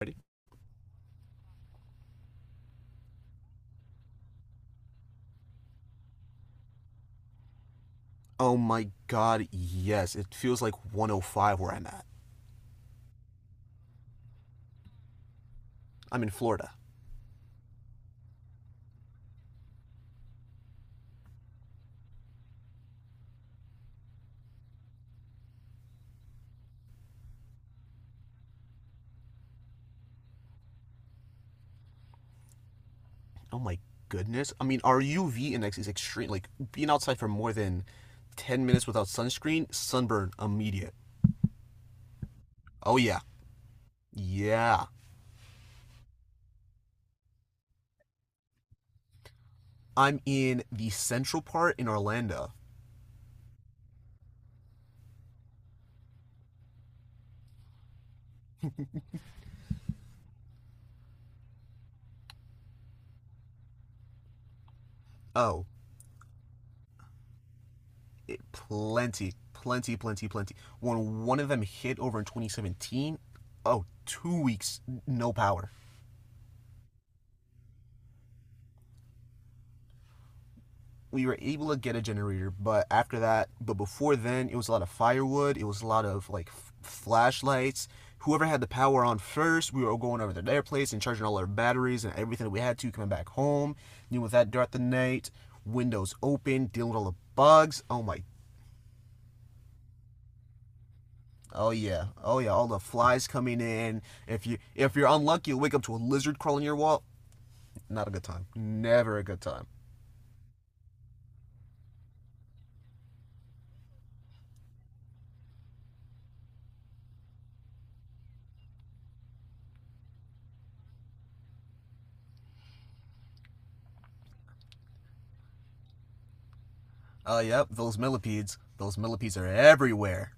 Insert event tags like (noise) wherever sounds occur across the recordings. Ready? Oh my god, yes. It feels like 105 where I'm at. I'm in Florida. Oh my goodness. I mean, our UV index is extreme. Like, being outside for more than 10 minutes without sunscreen, sunburn immediate. Oh yeah. Yeah. I'm in the central part in Orlando. Oh, it, plenty, plenty, plenty, plenty. When one of them hit over in 2017, oh, 2 weeks, no power. We were able to get a generator, but after that, but before then, it was a lot of firewood. It was a lot of flashlights. Whoever had the power on first, we were going over to their place and charging all our batteries and everything that we had to coming back home. Dealing with that throughout the night, windows open, dealing with all the bugs. Oh my, oh yeah, oh yeah, all the flies coming in. If you're unlucky, you'll wake up to a lizard crawling your wall. Not a good time. Never a good time. Oh yep, those millipedes. Those millipedes are everywhere.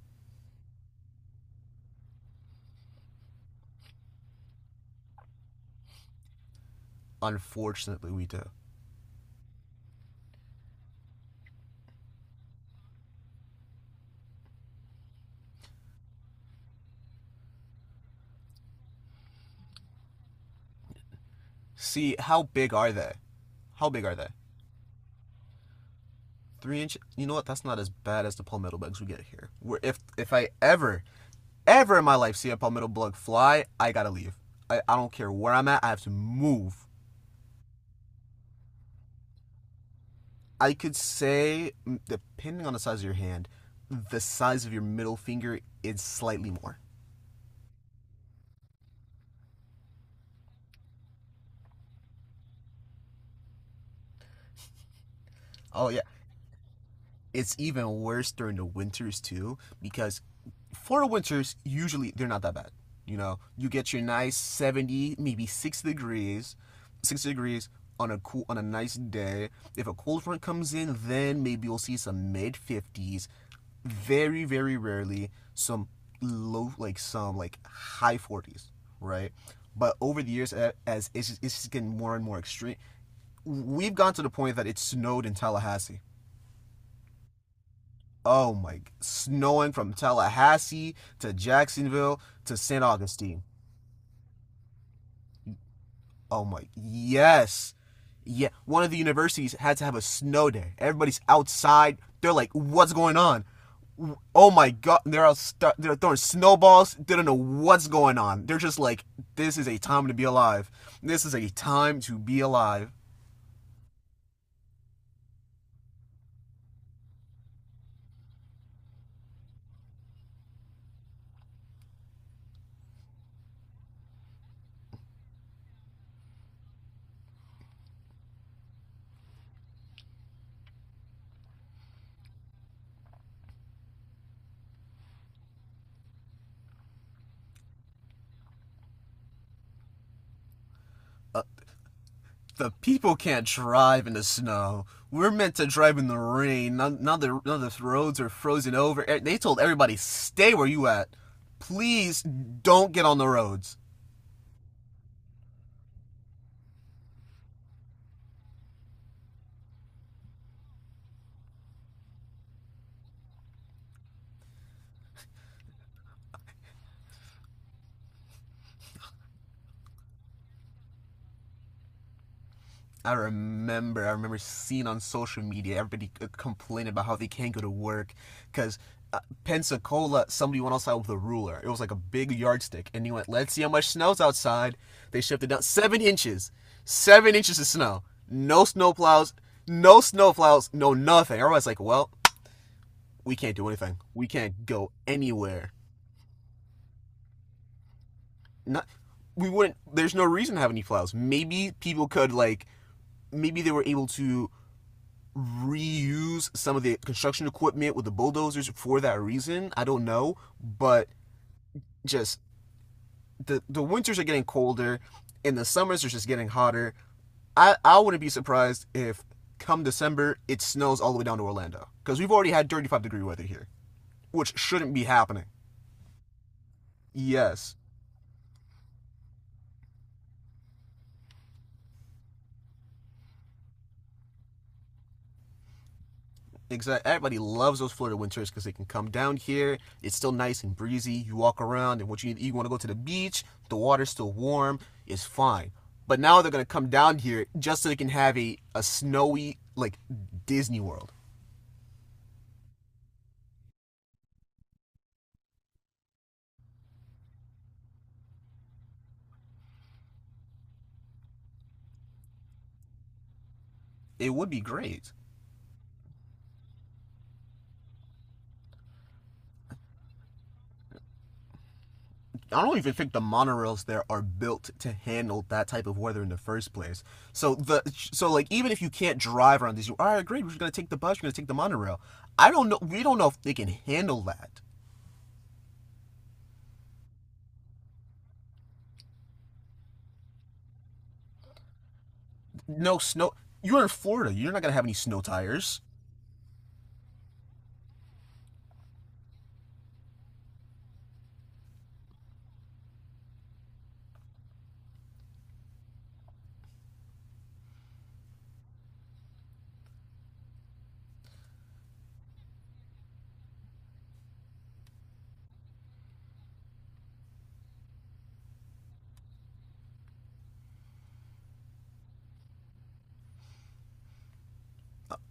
Unfortunately, we do. See, how big are they? How big are they? Three inch. You know what? That's not as bad as the palmetto bugs we get here. Where if I ever, ever in my life see a palmetto bug fly, I gotta leave. I don't care where I'm at. I have to move. I could say, depending on the size of your hand, the size of your middle finger is slightly more. Oh yeah, it's even worse during the winters too, because for winters usually they're not that bad. You know, you get your nice 70, maybe 6 degrees, 6 degrees on a nice day. If a cold front comes in, then maybe you'll see some mid 50s, very rarely some low, like some high 40s, right? But over the years, as it's just getting more and more extreme, we've gone to the point that it snowed in Tallahassee. Oh my, snowing from Tallahassee to Jacksonville to Saint Augustine. Oh my, yes. Yeah, one of the universities had to have a snow day. Everybody's outside, they're like, what's going on? Oh my god, they're throwing snowballs, they don't know what's going on, they're just like, this is a time to be alive. This is a time to be alive. The people can't drive in the snow. We're meant to drive in the rain. None of the roads are frozen over. They told everybody, stay where you at. Please don't get on the roads. I remember seeing on social media everybody complaining about how they can't go to work because Pensacola, somebody went outside with a ruler. It was like a big yardstick, and he went, "Let's see how much snow's outside." They shifted down 7 inches, 7 inches of snow. No snow plows, no snow plows, no nothing. Everyone's like, "Well, we can't do anything. We can't go anywhere." Not, we wouldn't. There's no reason to have any plows. Maybe people could like, maybe they were able to reuse some of the construction equipment with the bulldozers for that reason. I don't know, but just the winters are getting colder and the summers are just getting hotter. I wouldn't be surprised if come December it snows all the way down to Orlando, because we've already had 35-degree weather here, which shouldn't be happening. Yes, exactly. Everybody loves those Florida winters because they can come down here. It's still nice and breezy. You walk around, and what you need, you want to go to the beach. The water's still warm. It's fine. But now they're gonna come down here just so they can have a snowy like Disney World. It would be great. I don't even think the monorails there are built to handle that type of weather in the first place. So the so even if you can't drive around this, you all right, great. We're just gonna take the bus. We're gonna take the monorail. I don't know. We don't know if they can handle that. No snow. You're in Florida. You're not gonna have any snow tires.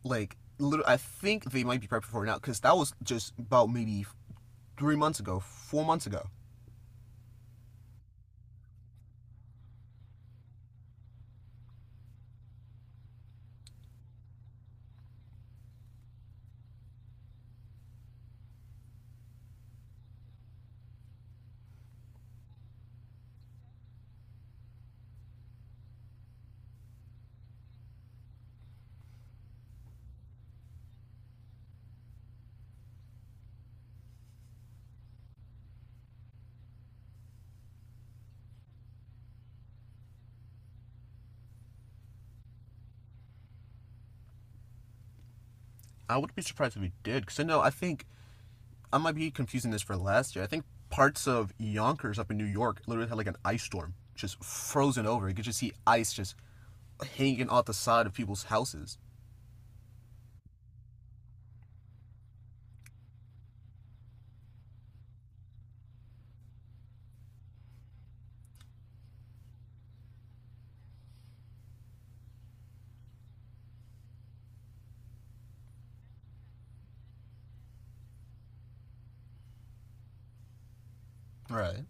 Like, I think they might be prepping for it now because that was just about maybe 3 months ago, 4 months ago. I wouldn't be surprised if we did, because I know, I think I might be confusing this for last year. I think parts of Yonkers up in New York literally had like an ice storm, just frozen over. You could just see ice just hanging off the side of people's houses. Right.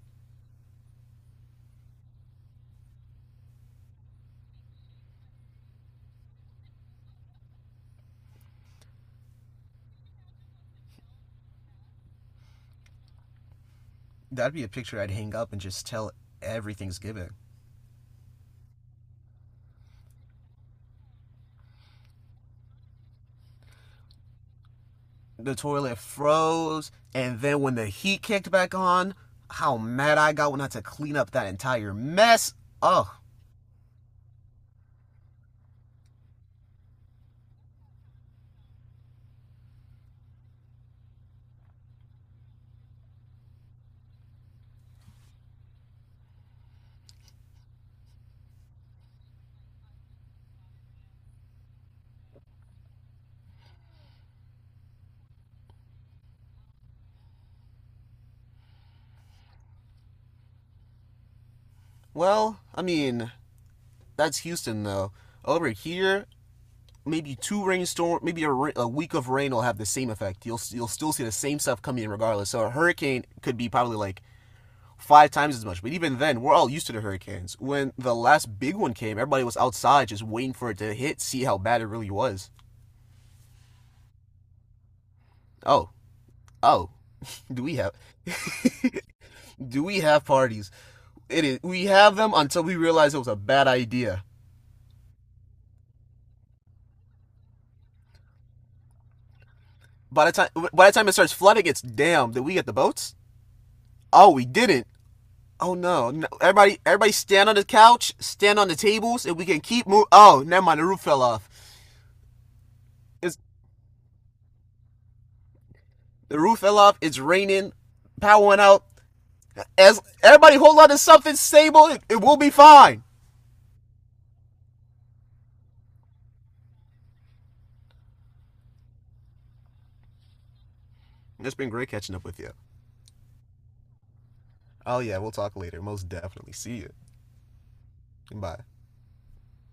That'd be a picture I'd hang up and just tell every Thanksgiving. The toilet froze, and then when the heat kicked back on, how mad I got when I had to clean up that entire mess. Oh, well, I mean, that's Houston though. Over here, maybe two rainstorm, maybe a week of rain will have the same effect. You'll still see the same stuff coming in regardless. So a hurricane could be probably like five times as much. But even then, we're all used to the hurricanes. When the last big one came, everybody was outside just waiting for it to hit, see how bad it really was. Oh, oh, (laughs) do we have? (laughs) do we have parties? It is. We have them until we realize it was a bad idea. By the time it starts flooding, it's damn. Did we get the boats? Oh, we didn't. Oh no, no. Everybody, everybody, stand on the couch, stand on the tables, and we can keep moving. Oh, never mind. The roof fell off. It's the roof fell off. It's raining. Power went out. As everybody hold on to something stable, it will be fine. It's been great catching up with you. Oh yeah, we'll talk later. Most definitely. See you. Bye.